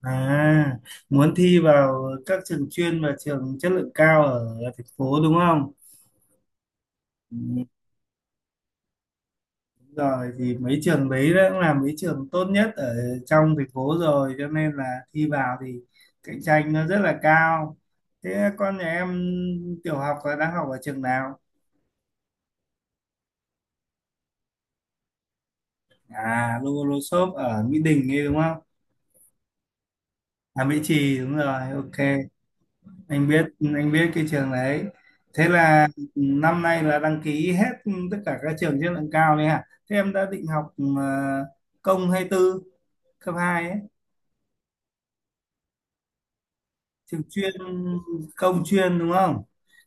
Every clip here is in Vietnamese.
À, muốn thi vào các trường chuyên và trường chất lượng cao ở thành phố đúng không? Ừ, đúng rồi. Thì mấy trường đấy đã cũng là mấy trường tốt nhất ở trong thành phố rồi, cho nên là thi vào thì cạnh tranh nó rất là cao. Thế con nhà em tiểu học là đang học ở trường nào? À, Lô Lô Xốp ở Mỹ Đình ấy đúng không? À, Mỹ Trì đúng rồi, ok. anh biết anh biết cái trường đấy. Thế là năm nay là đăng ký hết tất cả các trường chất lượng cao đấy hả? Thế em đã định học ờ, công hay tư, cấp 2 ấy? Trường chuyên, công chuyên đúng không?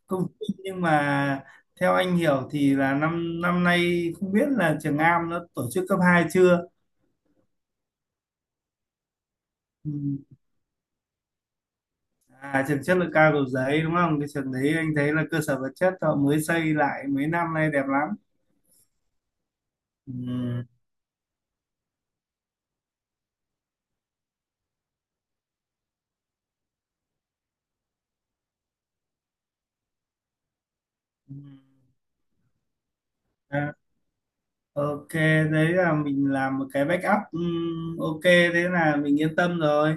Công chuyên, nhưng mà theo anh hiểu thì là năm năm nay không biết là trường Am nó tổ chức cấp 2 chưa. Ừ. À, trường chất lượng cao Cầu Giấy đúng không, cái trường đấy anh thấy là cơ sở vật chất họ mới xây lại mấy năm nay đẹp lắm. Ừ. Ừ. À, ok, đấy là mình làm một cái backup. Ok, thế là mình yên tâm rồi.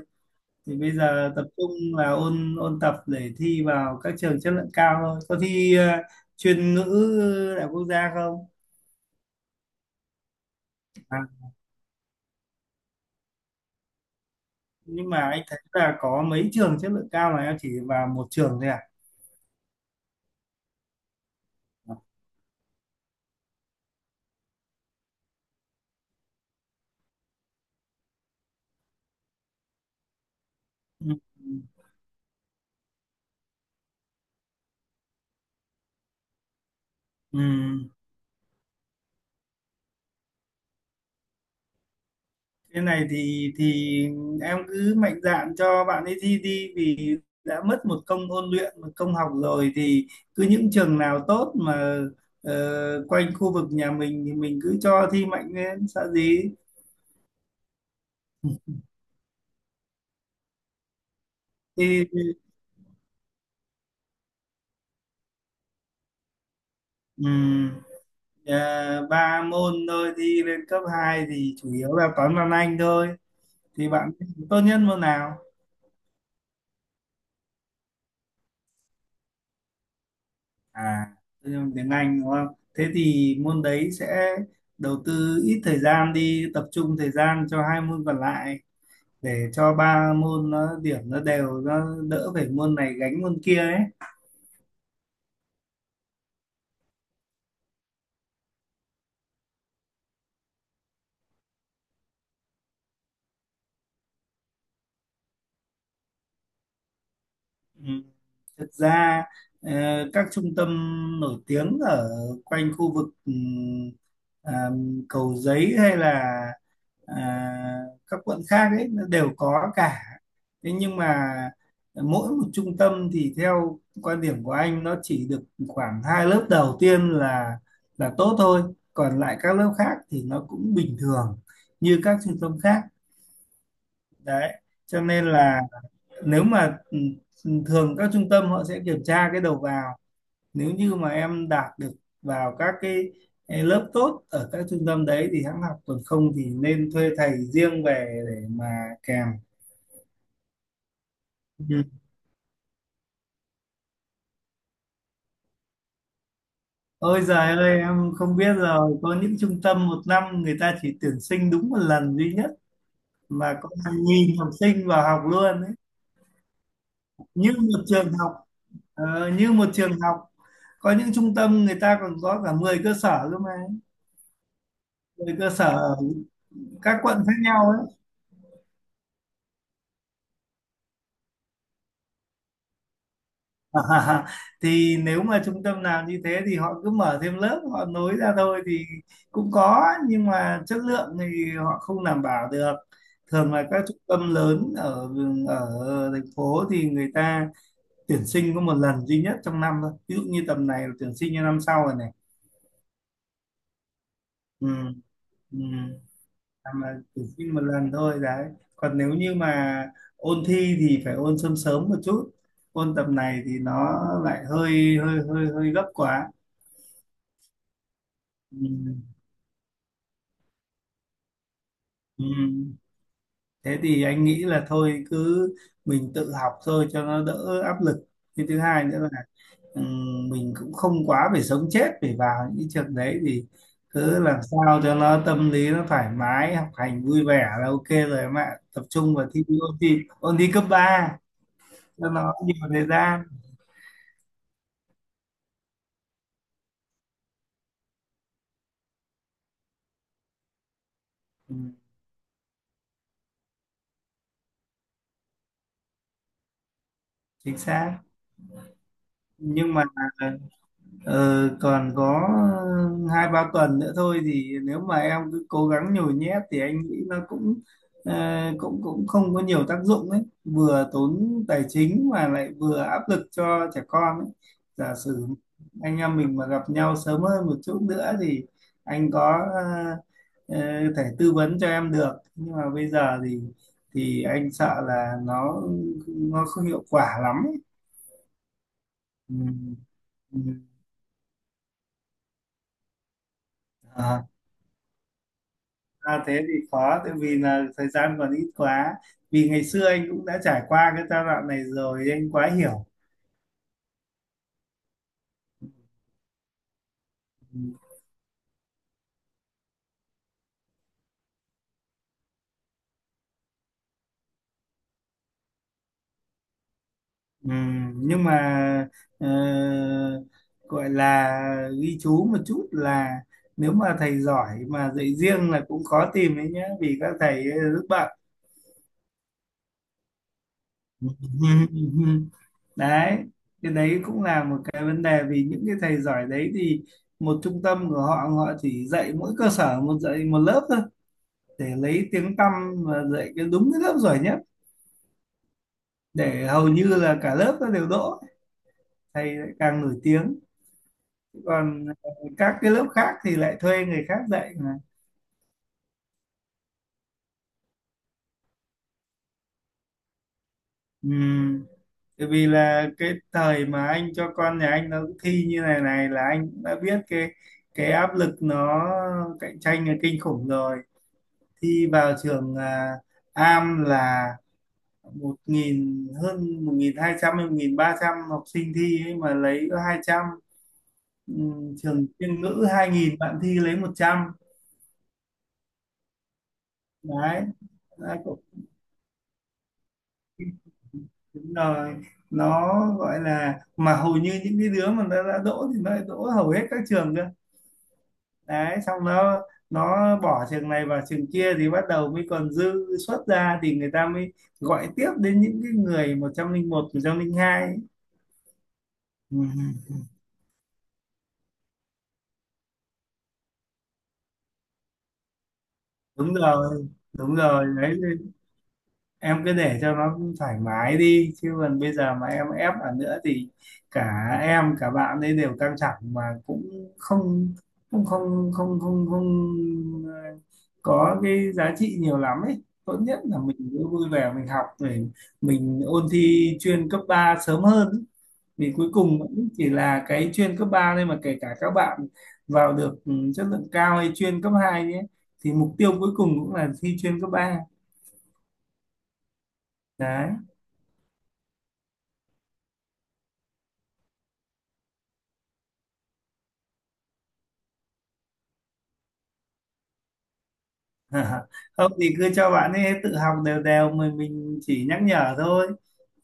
Thì bây giờ tập trung là ôn ôn tập để thi vào các trường chất lượng cao thôi. Có thi chuyên ngữ đại học quốc gia không? À, nhưng mà anh thấy là có mấy trường chất lượng cao mà em chỉ vào một trường thôi à? Ừ. Ừ. Cái này thì em cứ mạnh dạn cho bạn ấy thi đi, vì đã mất một công ôn luyện, một công học rồi thì cứ những trường nào tốt mà quanh khu vực nhà mình thì mình cứ cho thi mạnh lên, sợ gì. Thì ừm, ba môn thôi, thi lên cấp 2 thì chủ yếu là toán, văn, anh thôi. Thì bạn tốt nhất môn nào? À, tự nhiên tiếng Anh đúng không? Thế thì môn đấy sẽ đầu tư ít thời gian đi, tập trung thời gian cho hai môn còn lại, để cho ba môn nó điểm nó đều, nó đỡ phải môn này gánh môn kia ấy. Ừ. Thực ra ờ, các trung tâm nổi tiếng ở quanh khu vực à, Cầu Giấy hay là à, các quận khác ấy nó đều có cả. Thế nhưng mà mỗi một trung tâm thì theo quan điểm của anh nó chỉ được khoảng hai lớp đầu tiên là tốt thôi, còn lại các lớp khác thì nó cũng bình thường như các trung tâm khác. Đấy cho nên là nếu mà thường các trung tâm họ sẽ kiểm tra cái đầu vào, nếu như mà em đạt được vào các cái lớp tốt ở các trung tâm đấy thì hãng học, còn không thì nên thuê thầy riêng về để mà kèm. Ừ. Ôi giời ơi, em không biết rồi, có những trung tâm một năm người ta chỉ tuyển sinh đúng một lần duy nhất mà có hàng nghìn học sinh vào học luôn ấy. như một trường học như một trường học. Có những trung tâm người ta còn có cả 10 cơ sở cơ mà, 10 cơ sở ở các quận khác nhau ấy. À, thì nếu mà trung tâm nào như thế thì họ cứ mở thêm lớp, họ nối ra thôi thì cũng có, nhưng mà chất lượng thì họ không đảm bảo được. Thường là các trung tâm lớn ở ở thành phố thì người ta tuyển sinh có một lần duy nhất trong năm thôi, ví dụ như tầm này là tuyển sinh cho năm sau rồi này. Ừ, ừ. Làm là tuyển sinh một lần thôi đấy, còn nếu như mà ôn thi thì phải ôn sớm sớm một chút, ôn tầm này thì nó lại hơi hơi hơi hơi gấp quá. Ừ, ừ. Thế thì anh nghĩ là thôi cứ mình tự học thôi cho nó đỡ áp lực. Cái thứ hai nữa là ừ, mình cũng không quá phải sống chết phải vào những cái trường đấy, thì cứ làm sao cho nó tâm lý nó thoải mái, học hành vui vẻ là ok rồi em ạ. Tập trung vào thi, ôn thi, ôn thi cấp 3 cho nó nhiều thời gian. Ừ, chính xác. Nhưng mà Ờ, còn có hai ba tuần nữa thôi, thì nếu mà em cứ cố gắng nhồi nhét thì anh nghĩ nó cũng ờ, cũng cũng không có nhiều tác dụng ấy, vừa tốn tài chính mà lại vừa áp lực cho trẻ con ấy. Giả sử anh em mình mà gặp nhau sớm hơn một chút nữa thì anh có ờ, thể tư vấn cho em được, nhưng mà bây giờ thì anh sợ là nó không hiệu quả lắm ấy. Ừ. Ừ. À, thế thì khó, tại vì là thời gian còn ít quá, vì ngày xưa anh cũng đã trải qua cái giai đoạn này rồi, anh quá hiểu. Nhưng mà ờ, gọi là ghi chú một chút là nếu mà thầy giỏi mà dạy riêng là cũng khó tìm đấy nhá, vì các thầy ấy rất bận. đấy, cái đấy cũng là một cái vấn đề, vì những cái thầy giỏi đấy thì một trung tâm của họ họ chỉ dạy mỗi cơ sở một, dạy một lớp thôi để lấy tiếng tăm và dạy cái, đúng cái lớp giỏi nhất, để hầu như là cả lớp nó đều đỗ, thầy lại càng nổi tiếng, còn các cái lớp khác thì lại thuê người khác dạy mà. Ừm, Tại vì là cái thời mà anh cho con nhà anh nó thi như này này là anh cũng đã biết cái áp lực nó cạnh tranh là kinh khủng rồi. Thi vào trường Am là 1.000, hơn 1.200 hay 1.300 học sinh thi ấy mà lấy có 200. ừ, Trường chuyên ngữ 2.000 bạn thi lấy 100. Đấy. Đấy, đúng rồi. Nó gọi là, mà hầu như những cái đứa mà nó đã đỗ thì nó lại đỗ hầu hết các trường cơ, đấy xong nó bỏ trường này vào trường kia thì bắt đầu mới còn dư suất ra, thì người ta mới gọi tiếp đến những cái người 101, 102. Ừ, đúng rồi. Đúng rồi đấy, em cứ để cho nó thoải mái đi, chứ còn bây giờ mà em ép ở nữa thì cả em cả bạn ấy đều căng thẳng mà cũng không, cũng không không không không ờ, có cái giá trị nhiều lắm ấy. Tốt nhất là mình cứ vui vẻ, mình học để mình ôn thi chuyên cấp 3 sớm hơn ấy. Vì cuối cùng cũng chỉ là cái chuyên cấp 3 thôi mà, kể cả các bạn vào được chất lượng cao hay chuyên cấp 2 nhé, thì mục tiêu cuối cùng cũng là thi chuyên cấp ba. Đấy. không thì cứ cho bạn ấy tự học đều đều, mình chỉ nhắc nhở thôi,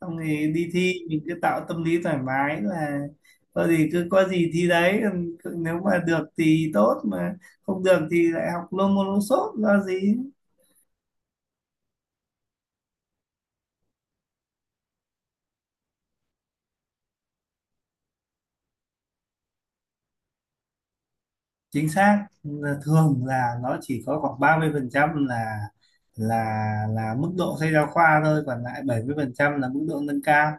xong thì đi thi mình cứ tạo tâm lý thoải mái là thôi thì cứ có gì thi đấy, còn nếu mà được thì tốt, mà không được thì lại học Lô Môn Lô Sốt, lo gì. Chính xác là thường là nó chỉ có khoảng 30% là là mức độ sách giáo khoa thôi, còn lại 70% là mức độ nâng cao.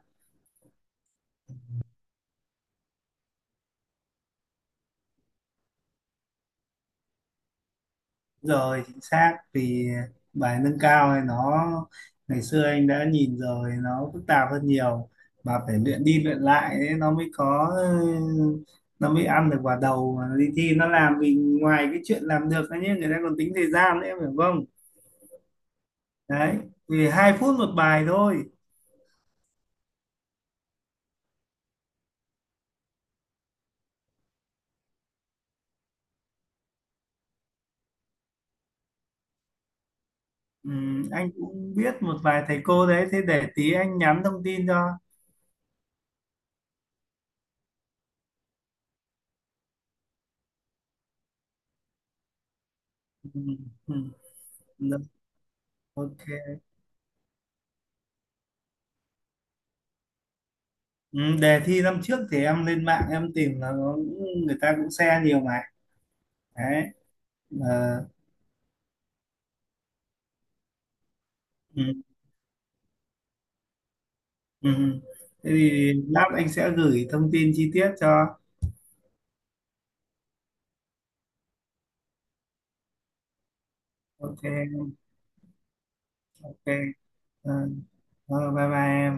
Rồi, chính xác, vì bài nâng cao này nó ngày xưa anh đã nhìn rồi, nó phức tạp hơn nhiều, mà phải luyện đi luyện lại ấy, nó mới có, nó mới ăn được vào đầu mà đi thi nó làm. Vì ngoài cái chuyện làm được ấy nhé, người ta còn tính thời gian nữa phải không? Đấy, vì 2 phút một bài thôi. Ừ, anh cũng biết một vài thầy cô đấy, thế để tí anh nhắn thông tin cho. Ừ, ừ, được, ok. Ừ, đề thi năm trước thì em lên mạng em tìm là nó, người ta cũng share nhiều mà. Đấy. ờ, ừ, ừ. Ừ. Thế thì lát anh sẽ gửi thông tin chi tiết cho. Ok. Ok. Ờ, bye bye em.